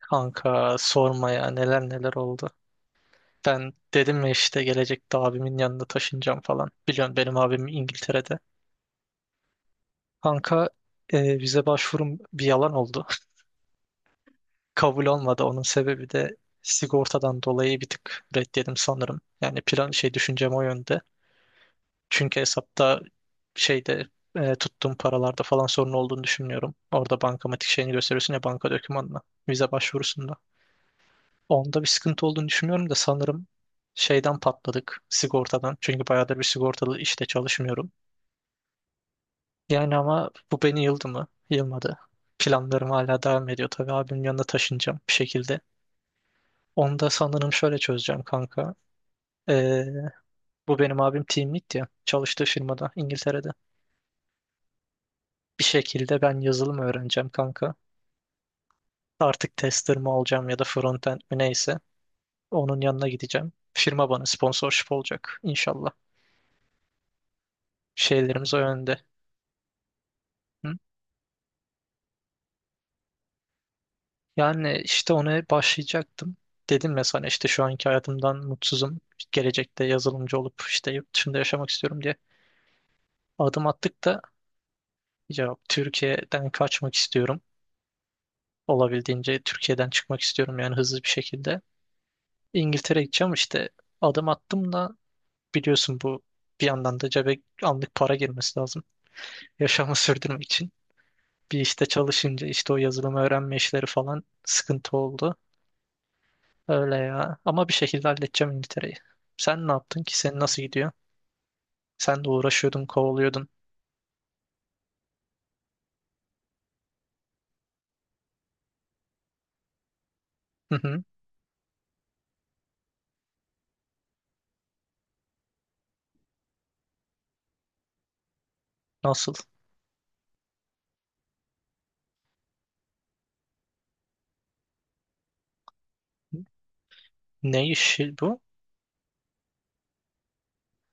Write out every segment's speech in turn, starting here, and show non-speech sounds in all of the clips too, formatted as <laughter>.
Kanka sorma ya neler neler oldu. Ben dedim ya işte gelecekte abimin yanına taşınacağım falan. Biliyorsun benim abim İngiltere'de. Kanka vize başvurum bir yalan oldu. <laughs> Kabul olmadı. Onun sebebi de sigortadan dolayı bir tık reddedim sanırım. Yani plan şey düşüncem o yönde. Çünkü hesapta şeyde tuttuğum paralarda falan sorun olduğunu düşünmüyorum. Orada bankamatik şeyini gösteriyorsun ya banka dokümanına. Vize başvurusunda. Onda bir sıkıntı olduğunu düşünmüyorum da sanırım patladık sigortadan. Çünkü bayağıdır bir sigortalı işte çalışmıyorum. Yani ama bu beni yıldı mı? Yılmadı. Planlarım hala devam ediyor. Tabii abimin yanına taşınacağım bir şekilde. Onu da sanırım şöyle çözeceğim kanka. Ee, Bu benim abim team lead ya. Çalıştığı firmada İngiltere'de. Bir şekilde ben yazılım öğreneceğim kanka. Artık tester mi olacağım ya da front end mi neyse. Onun yanına gideceğim. Firma bana sponsorship olacak inşallah. Şeylerimiz o yönde. Yani işte ona başlayacaktım. Dedim ya sana işte şu anki hayatımdan mutsuzum. Gelecekte yazılımcı olup işte yurt dışında yaşamak istiyorum diye adım attık da ya Türkiye'den kaçmak istiyorum. Olabildiğince Türkiye'den çıkmak istiyorum yani hızlı bir şekilde. İngiltere'ye gideceğim işte adım attım da biliyorsun bu bir yandan da cebe anlık para girmesi lazım. <laughs> Yaşamı sürdürmek için. Bir işte çalışınca işte o yazılımı öğrenme işleri falan sıkıntı oldu. Öyle ya. Ama bir şekilde halledeceğim İngiltere'yi. Sen ne yaptın ki? Senin nasıl gidiyor? Sen de uğraşıyordun, kovalıyordun. Hı hı. Nasıl? Ne işi bu?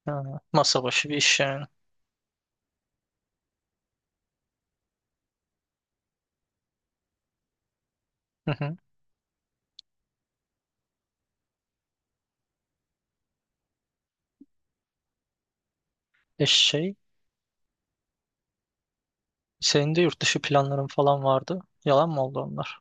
Ha, masa başı bir iş yani. Hı hı. E şey, Senin de yurt dışı planların falan vardı. Yalan mı oldu onlar?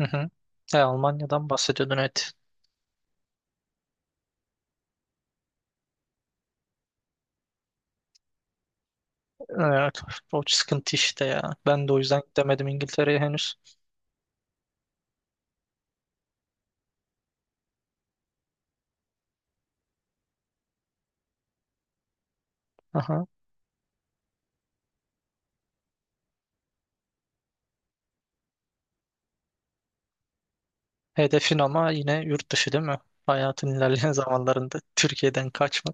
Hı hı. Almanya'dan bahsediyordun evet. Evet, o sıkıntı işte ya. Ben de o yüzden gidemedim İngiltere'ye henüz. Aha. Hedefin ama yine yurt dışı değil mi? Hayatın ilerleyen <laughs> zamanlarında Türkiye'den kaçma.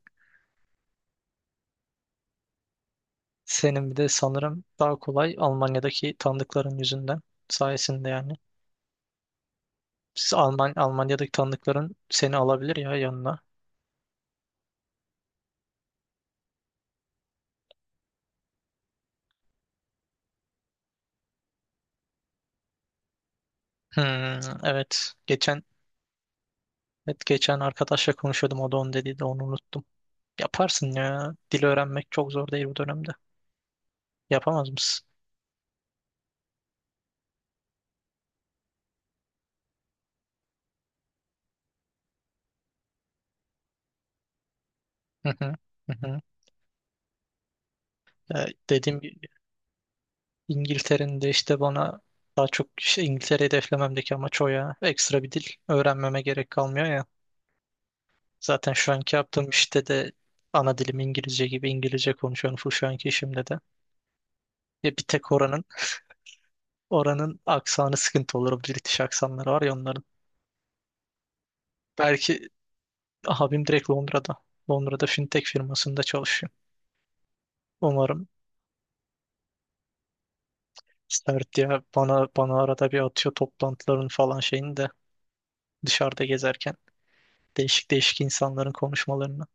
Senin bir de sanırım daha kolay Almanya'daki tanıdıkların sayesinde yani. Siz Alman Almanya'daki tanıdıkların seni alabilir ya yanına. Hmm, evet. Evet, geçen arkadaşla konuşuyordum o da onu dediydi onu unuttum. Yaparsın ya. Dil öğrenmek çok zor değil bu dönemde. Yapamaz mısın? Hı hı. Hı hı. Dediğim gibi İngiltere'nin de işte bana daha çok İngiltere hedeflememdeki amaç o ya. Ekstra bir dil öğrenmeme gerek kalmıyor ya. Zaten şu anki yaptığım işte de ana dilim İngilizce gibi İngilizce konuşuyorum full şu anki işimde de. Ya bir tek oranın aksanı sıkıntı olur. O British aksanları var ya onların. Belki abim direkt Londra'da. Londra'da fintech firmasında çalışıyor. Umarım sert ya bana arada bir atıyor toplantıların falan şeyini de dışarıda gezerken değişik değişik insanların konuşmalarını.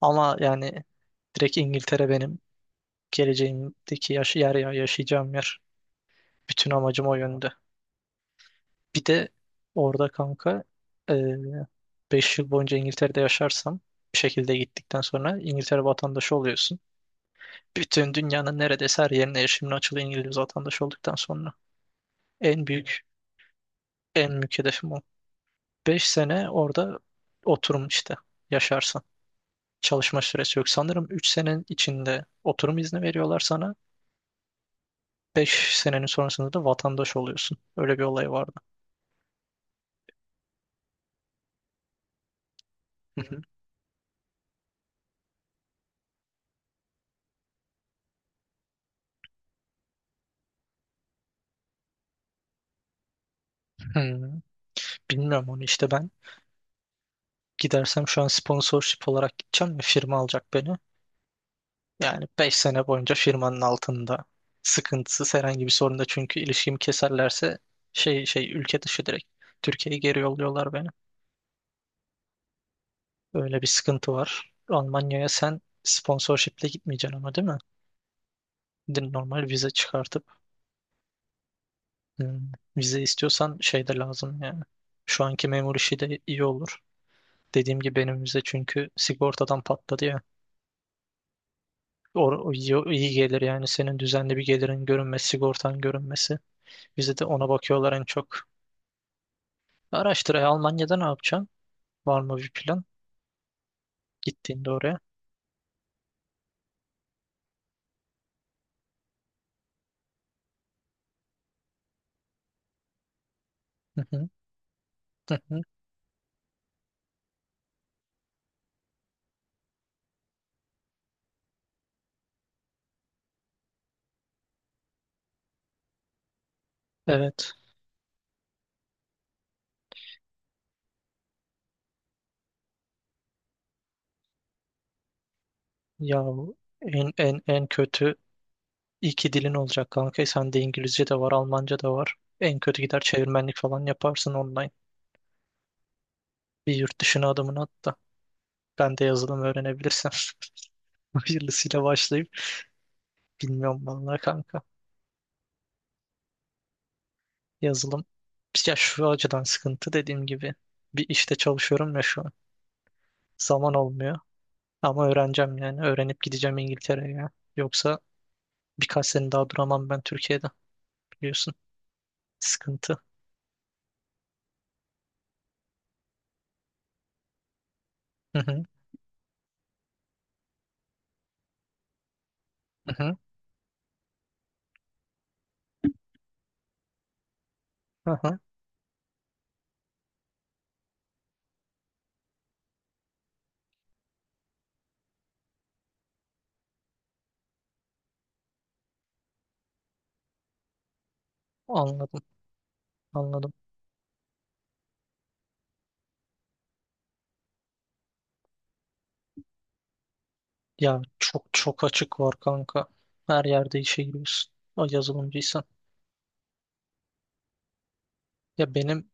Ama yani direkt İngiltere benim geleceğimdeki yaşayacağım yer. Bütün amacım o yönde. Bir de orada kanka e, 5 yıl boyunca İngiltere'de yaşarsam bir şekilde gittikten sonra İngiltere vatandaşı oluyorsun. Bütün dünyanın neredeyse her yerine erişimin açılı İngiliz vatandaşı olduktan sonra. En büyük, en büyük hedefim o. 5 sene orada oturum işte yaşarsan. Çalışma süresi yok. Sanırım 3 senenin içinde oturum izni veriyorlar sana. 5 senenin sonrasında da vatandaş oluyorsun. Öyle bir olay vardı. Hı hı. Hmm. Bilmiyorum onu işte ben gidersem şu an sponsorship olarak gideceğim ve firma alacak beni. Yani 5 sene boyunca firmanın altında sıkıntısız herhangi bir sorunda çünkü ilişkimi keserlerse ülke dışı direkt Türkiye'ye geri yolluyorlar beni. Öyle bir sıkıntı var. Almanya'ya sen sponsorshiple gitmeyeceksin ama değil mi? Normal vize çıkartıp hmm, vize istiyorsan şey de lazım yani. Şu anki memur işi de iyi olur. Dediğim gibi benim vize çünkü sigortadan patladı ya. O, iyi, iyi gelir yani senin düzenli bir gelirin görünmesi, sigortan görünmesi. Bize de ona bakıyorlar en çok. Araştır. Almanya'da ne yapacaksın? Var mı bir plan gittiğinde oraya? Hı hı, hı hı. Evet. Ya bu en kötü iki dilin olacak kanka. Sende İngilizce de var, Almanca da var. En kötü gider çevirmenlik falan yaparsın online. Bir yurt dışına adımını at da. Ben de yazılım öğrenebilirsem. <laughs> Hayırlısıyla başlayıp. Bilmiyorum vallahi kanka. Yazılım. Ya şu açıdan sıkıntı dediğim gibi bir işte çalışıyorum ya şu an. Zaman olmuyor ama öğreneceğim yani öğrenip gideceğim İngiltere'ye ya. Yoksa birkaç sene daha duramam ben Türkiye'de biliyorsun. Sıkıntı. Hı hı, hı hı, hı hı. Anladım, anladım. Ya çok çok açık var kanka. Her yerde işe giriyorsun. O yazılımcıysan. Ya benim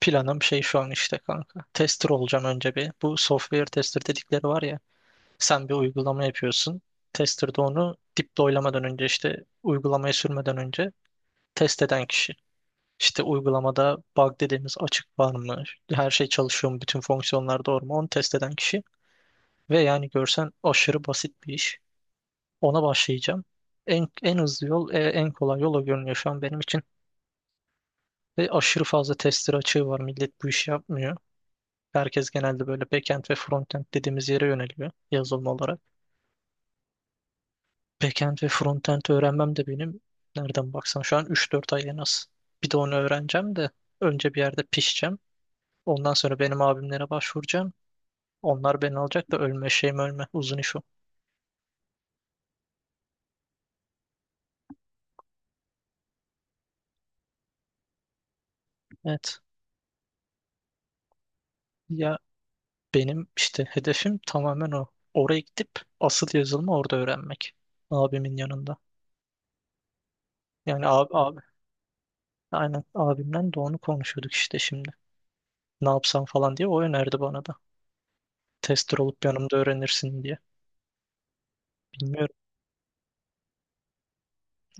planım şu an işte kanka. Tester olacağım önce bir. Bu software tester dedikleri var ya. Sen bir uygulama yapıyorsun. Tester de onu deploy'lamadan önce işte uygulamaya sürmeden önce test eden kişi. İşte uygulamada bug dediğimiz açık var mı? Her şey çalışıyor mu? Bütün fonksiyonlar doğru mu? Onu test eden kişi. Ve yani görsen aşırı basit bir iş. Ona başlayacağım. En hızlı yol, en kolay yol o görünüyor şu an benim için. Ve aşırı fazla tester açığı var. Millet bu işi yapmıyor. Herkes genelde böyle backend ve frontend dediğimiz yere yöneliyor yazılım olarak. Backend ve frontend öğrenmem de benim nereden baksan şu an üç dört ay en az. Bir de onu öğreneceğim de önce bir yerde pişeceğim. Ondan sonra benim abimlere başvuracağım. Onlar beni alacak da ölme şeyim ölme. Uzun iş o. Evet. Ya benim işte hedefim tamamen o. Oraya gidip asıl yazılımı orada öğrenmek. Abimin yanında. Yani abi, abi. Aynen abimden de onu konuşuyorduk işte şimdi. Ne yapsam falan diye o önerdi bana da. Tester olup yanımda öğrenirsin diye. Bilmiyorum.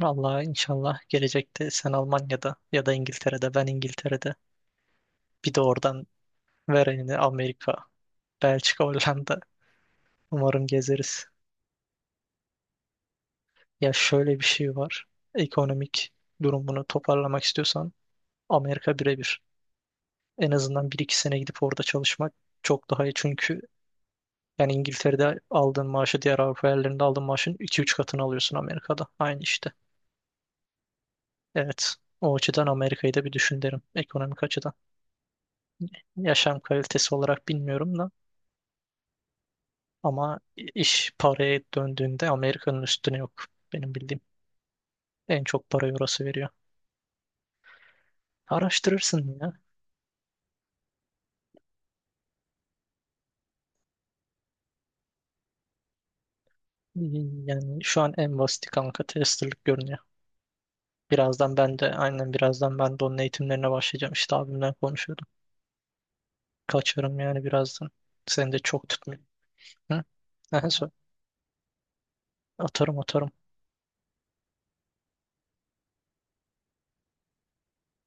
Vallahi inşallah gelecekte sen Almanya'da ya da İngiltere'de ben İngiltere'de bir de oradan verenini Amerika, Belçika, <laughs> Hollanda umarım gezeriz. Ya şöyle bir şey var. Ekonomik durumunu toparlamak istiyorsan Amerika birebir. En azından bir iki sene gidip orada çalışmak çok daha iyi. Çünkü yani İngiltere'de aldığın maaşı diğer Avrupa yerlerinde aldığın maaşın iki üç katını alıyorsun Amerika'da. Aynı işte. Evet. O açıdan Amerika'yı da bir düşün derim. Ekonomik açıdan. Yaşam kalitesi olarak bilmiyorum da. Ama iş paraya döndüğünde Amerika'nın üstüne yok. Benim bildiğim en çok parayı orası veriyor. Araştırırsın ya. Yani şu an en basiti kanka testerlık görünüyor. Birazdan ben de onun eğitimlerine başlayacağım. İşte abimle konuşuyordum. Kaçarım yani birazdan. Seni de çok tutmayayım. Hı? Aha, sor. Atarım atarım.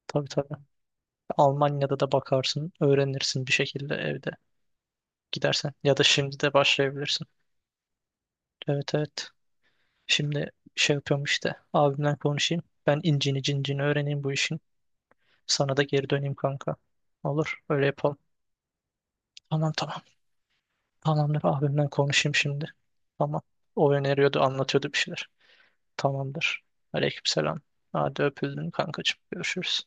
Tabii tabii. Almanya'da da bakarsın. Öğrenirsin bir şekilde evde gidersen. Ya da şimdi de başlayabilirsin. Evet evet. Şimdi şey yapıyorum işte. Abimle konuşayım. Ben incini cincini öğreneyim bu işin. Sana da geri döneyim kanka. Olur. Öyle yapalım. Tamam tamam. Tamamdır. Abimle konuşayım şimdi. Tamam. O öneriyordu, anlatıyordu bir şeyler. Tamamdır. Aleykümselam. Hadi öpüldün kankacığım. Görüşürüz.